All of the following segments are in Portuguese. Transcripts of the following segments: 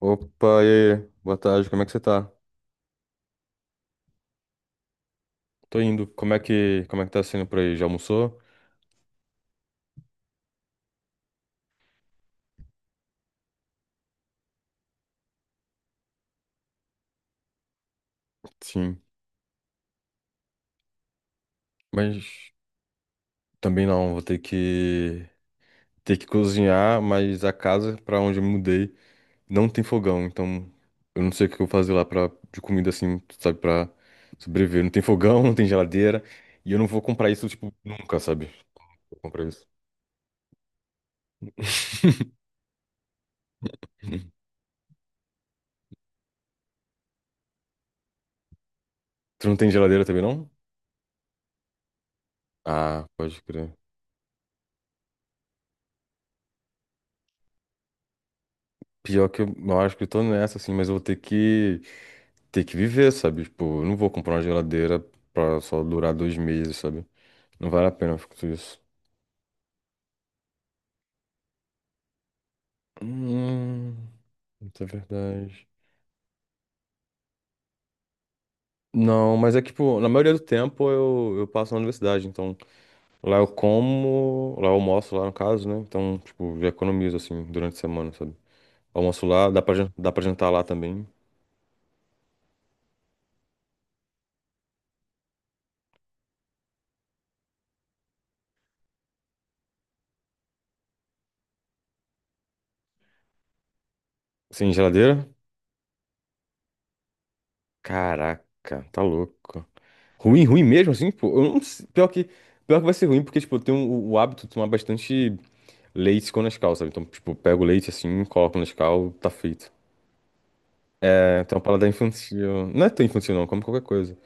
Opa, e aí? Boa tarde, como é que você tá? Tô indo. Como é que tá sendo por aí? Já almoçou? Sim. Mas também não, vou ter que cozinhar, mas a casa pra onde eu me mudei não tem fogão, então eu não sei o que eu vou fazer lá pra, de comida assim, sabe, pra sobreviver. Não tem fogão, não tem geladeira, e eu não vou comprar isso, tipo, nunca, sabe? Vou comprar isso. Tu não tem geladeira também, não? Ah, pode crer. Pior que eu, acho que eu tô nessa, assim, mas eu vou ter que viver, sabe? Tipo, eu não vou comprar uma geladeira pra só durar 2 meses, sabe? Não vale a pena ficar tudo isso. Hum, isso é verdade. Não, mas é que, tipo, na maioria do tempo eu passo na universidade, então lá eu como, lá eu almoço lá no caso, né? Então, tipo, já economizo assim durante a semana, sabe? Almoço lá, dá pra, dá pra jantar lá também. Sem geladeira? Caraca, tá louco. Ruim, ruim mesmo assim, pô. Eu não sei- Pior que vai ser ruim, porque, tipo, eu tenho o hábito de tomar bastante. Leite com Nescau, sabe? Então, tipo, pego o leite assim, coloco no Nescau, tá feito. É, tem uma paladar infantil. Não é tão infantil, não, como qualquer coisa.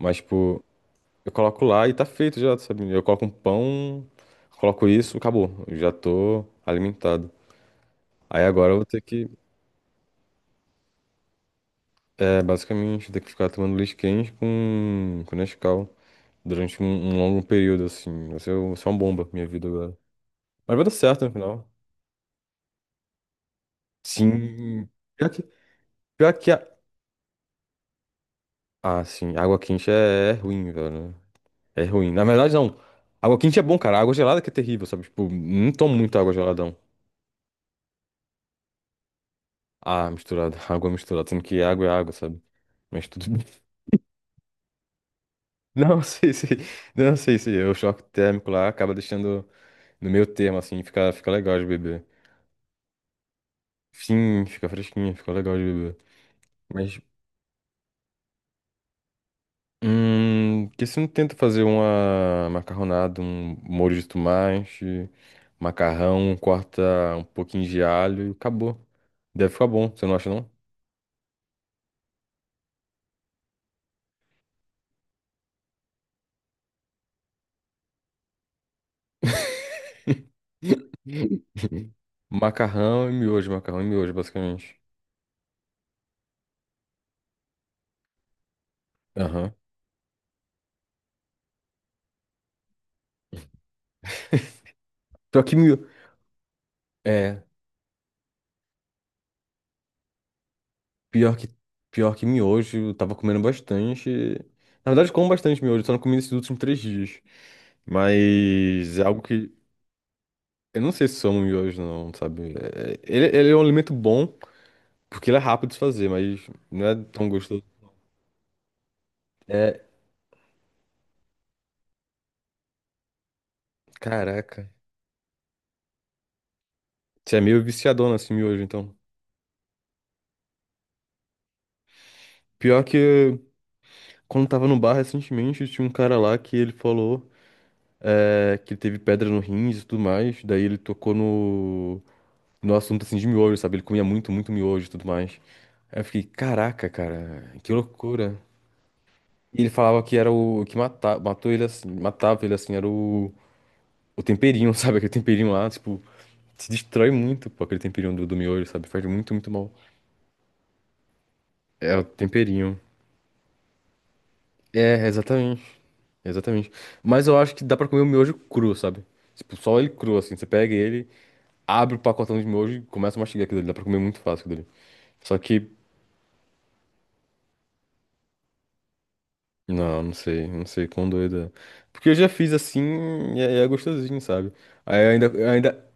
Mas, tipo, eu coloco lá e tá feito já, sabe? Eu coloco um pão, coloco isso, acabou. Eu já tô alimentado. Aí agora eu vou ter que, é, basicamente, ter que ficar tomando leite quente com Nescau durante um longo período, assim. Vai ser uma bomba, minha vida agora. Mas vai dar certo no final. Sim. Pior que, pior que a. Ah, sim, água quente é ruim, velho. É ruim. Na verdade, não. Água quente é bom, cara. Água gelada que é terrível, sabe? Tipo, não tomo muita água gelada, não. Ah, misturada. Água misturada. Sendo que água é água, sabe? Mas tudo bem. Não sei se. Não sei se. O choque térmico lá acaba deixando no meio termo, assim. Fica legal de beber. Sim, fica fresquinho. Fica legal de beber. Mas. Hum. Por que você não tenta fazer uma macarronada, um molho de tomate, macarrão, corta um pouquinho de alho e acabou. Deve ficar bom, você não acha, não? Macarrão e miojo, basicamente. Aham. Pior que miojo. É, pior que, pior que miojo, eu tava comendo bastante. Na verdade, eu como bastante miojo, só não comi nesses últimos 3 dias. Mas é algo que. Eu não sei se sou chama miojo, não, sabe? Ele é um alimento bom, porque ele é rápido de fazer, mas não é tão gostoso. É. Caraca. Você é meio viciadona assim miojo, então. Pior que quando tava no bar recentemente, tinha um cara lá que ele falou, que ele teve pedra no rins e tudo mais. Daí ele tocou no assunto assim de miojo, sabe? Ele comia muito, muito miojo e tudo mais. Aí eu fiquei, caraca, cara, que loucura. E ele falava que era o que matava, matou ele assim, matava ele assim, era o temperinho, sabe? Aquele temperinho lá, tipo, se destrói muito, pô, aquele temperinho do miojo, sabe? Faz muito, muito mal. É o temperinho. É, exatamente. Exatamente. Mas eu acho que dá pra comer o miojo cru, sabe? Tipo, só ele cru, assim. Você pega ele, abre o pacotão de miojo e começa a mastigar aquilo ali. Dá pra comer muito fácil aquilo ali. Só que, não, não sei quão doido é. Porque eu já fiz assim e é gostosinho, sabe? Aí eu ainda, eu ainda.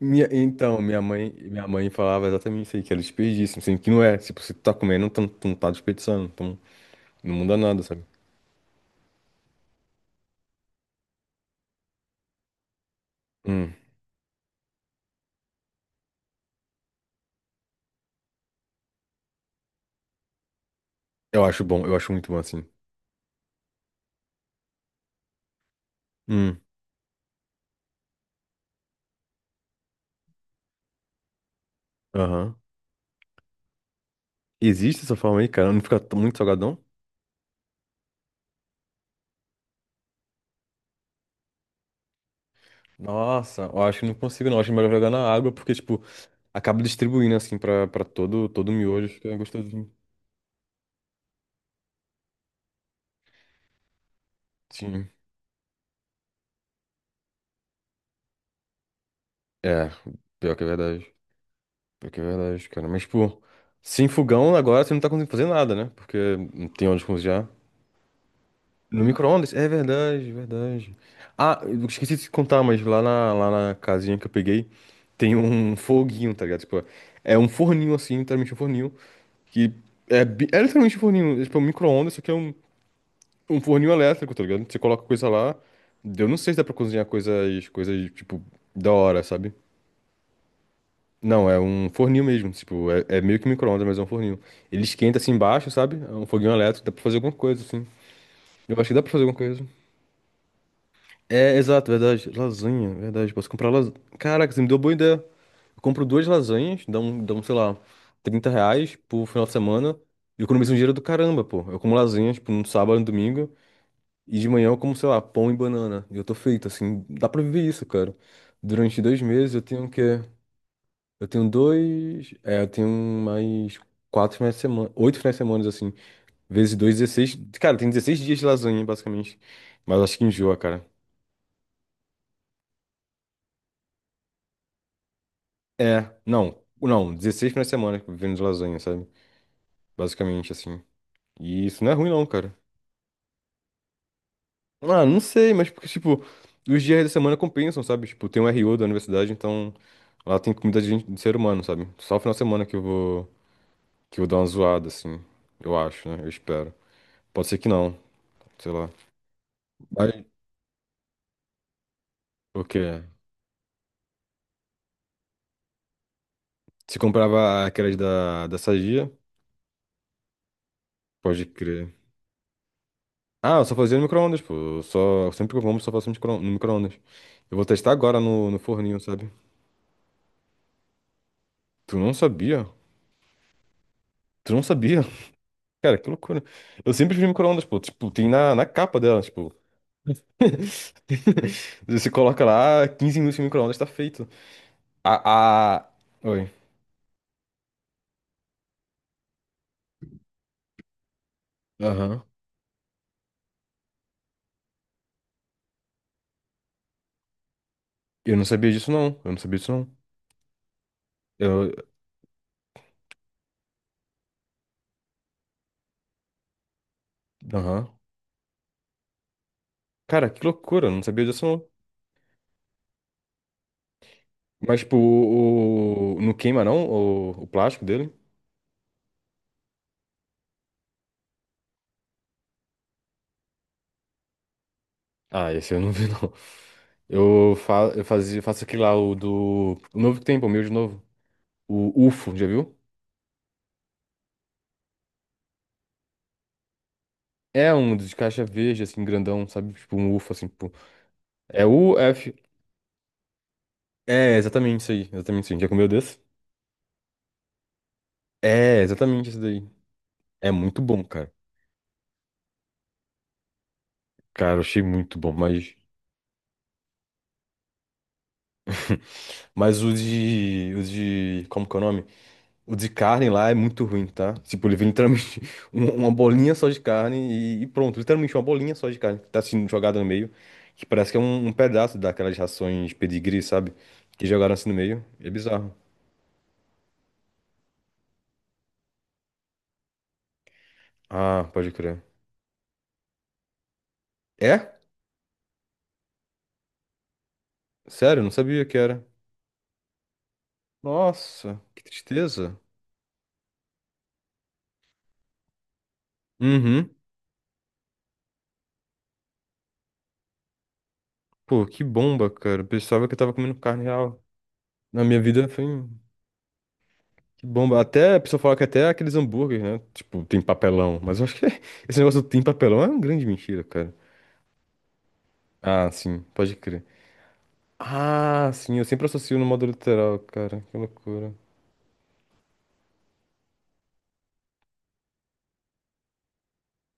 Então, minha mãe falava exatamente isso aí, que era desperdício, assim, que não é. Tipo, você tá comendo, tu não tá desperdiçando, então não muda nada, sabe? Hum, eu acho bom, eu acho muito bom assim. Hum, aham. Existe essa forma aí, cara? Não fica muito salgadão? Nossa, eu acho que não consigo, não. Eu acho melhor jogar na água, porque, tipo, acaba distribuindo, assim, pra todo miojo, acho que é gostosinho. Sim. É, pior que é verdade. Pior que é verdade, cara. Mas, pô, sem fogão agora você não tá conseguindo fazer nada, né? Porque não tem onde cozinhar. No micro-ondas? É verdade, verdade. Ah, eu esqueci de te contar, mas lá na casinha que eu peguei, tem um foguinho, tá ligado? Tipo, é um forninho assim, literalmente um forninho, que é literalmente um forninho, tipo, um micro-ondas, só que é um forninho elétrico, tá ligado? Você coloca coisa lá. Eu não sei se dá pra cozinhar coisas, tipo, da hora, sabe? Não, é um forninho mesmo. Tipo, é meio que micro-ondas, mas é um forninho. Ele esquenta assim embaixo, sabe? É um foguinho elétrico, dá pra fazer alguma coisa, assim. Eu acho que dá pra fazer alguma coisa. É, exato, verdade. Lasanha, verdade. Posso comprar lasanha. Caraca, você me deu boa ideia. Eu compro duas lasanhas, dá um, sei lá, R$ 30 por final de semana. E eu economizo um dinheiro do caramba, pô. Eu como lasanha, tipo, no sábado e no domingo. E de manhã eu como, sei lá, pão e banana. E eu tô feito, assim, dá pra viver isso, cara. Durante 2 meses eu tenho o quê? Eu tenho dois. É, eu tenho mais 4 finais de semana. 8 finais de semana, assim. Vezes dois, 16. Cara, tem 16 dias de lasanha, basicamente. Mas acho que enjoa, cara. É, não. Não, 16 finais de semana vivendo de lasanha, sabe? Basicamente, assim. E isso não é ruim, não, cara. Ah, não sei, mas porque, tipo, os dias da semana compensam, sabe? Tipo, tem um RO da universidade, então. Lá tem comida de ser humano, sabe? Só final de semana que eu vou, dar uma zoada, assim. Eu acho, né? Eu espero. Pode ser que não, sei lá. Mas, o quê? Se comprava aquelas da Sadia, pode crer. Ah, eu só fazia no micro-ondas, pô. Eu só, sempre que eu como, só faço no micro-ondas. Eu vou testar agora no forninho, sabe? Tu não sabia? Tu não sabia? Cara, que loucura. Eu sempre fiz micro-ondas, pô. Tipo, tem na capa dela, tipo. Você coloca lá, 15 minutos no micro-ondas, tá feito. A, a... Oi. Aham. Eu não sabia disso, não. Eu não sabia disso, não. Eu... Aham. Cara, que loucura. Eu não sabia disso, não. Mas, tipo, o não queima, não? O plástico dele? Ah, esse eu não vi, não. Eu, fa... eu fazia... faço aquele lá, O novo que tem, pô, o meu de novo. O UFO, já viu? É um de caixa verde, assim, grandão, sabe? Tipo, um UFO, assim, pô. É UF... É, exatamente isso aí. Exatamente isso aí. Já comeu desse? É, exatamente isso daí. É muito bom, cara. Cara, eu achei muito bom, mas... Mas o de. O de. Como que é o nome? O de carne lá é muito ruim, tá? Tipo, ele vem literalmente uma bolinha só de carne e pronto. Literalmente uma bolinha só de carne que tá sendo jogada no meio. Que parece que é um pedaço daquelas rações pedigree, sabe? Que jogaram assim no meio. É bizarro. Ah, pode crer. É? Sério, não sabia que era. Nossa, que tristeza. Uhum. Pô, que bomba, cara. Pensava que eu tava comendo carne real. Na minha vida foi. Que bomba. Até a pessoa fala que até aqueles hambúrgueres, né? Tipo, tem papelão. Mas eu acho que esse negócio do tem papelão é uma grande mentira, cara. Ah, sim, pode crer. Ah, sim, eu sempre associo no modo literal, cara. Que loucura.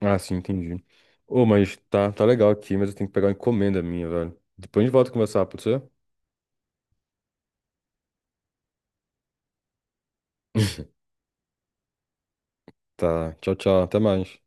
Ah, sim, entendi. Ô, mas tá, tá legal aqui, mas eu tenho que pegar uma encomenda minha, velho. Depois a gente volta a conversar, pode ser? Tá, tchau, tchau, até mais.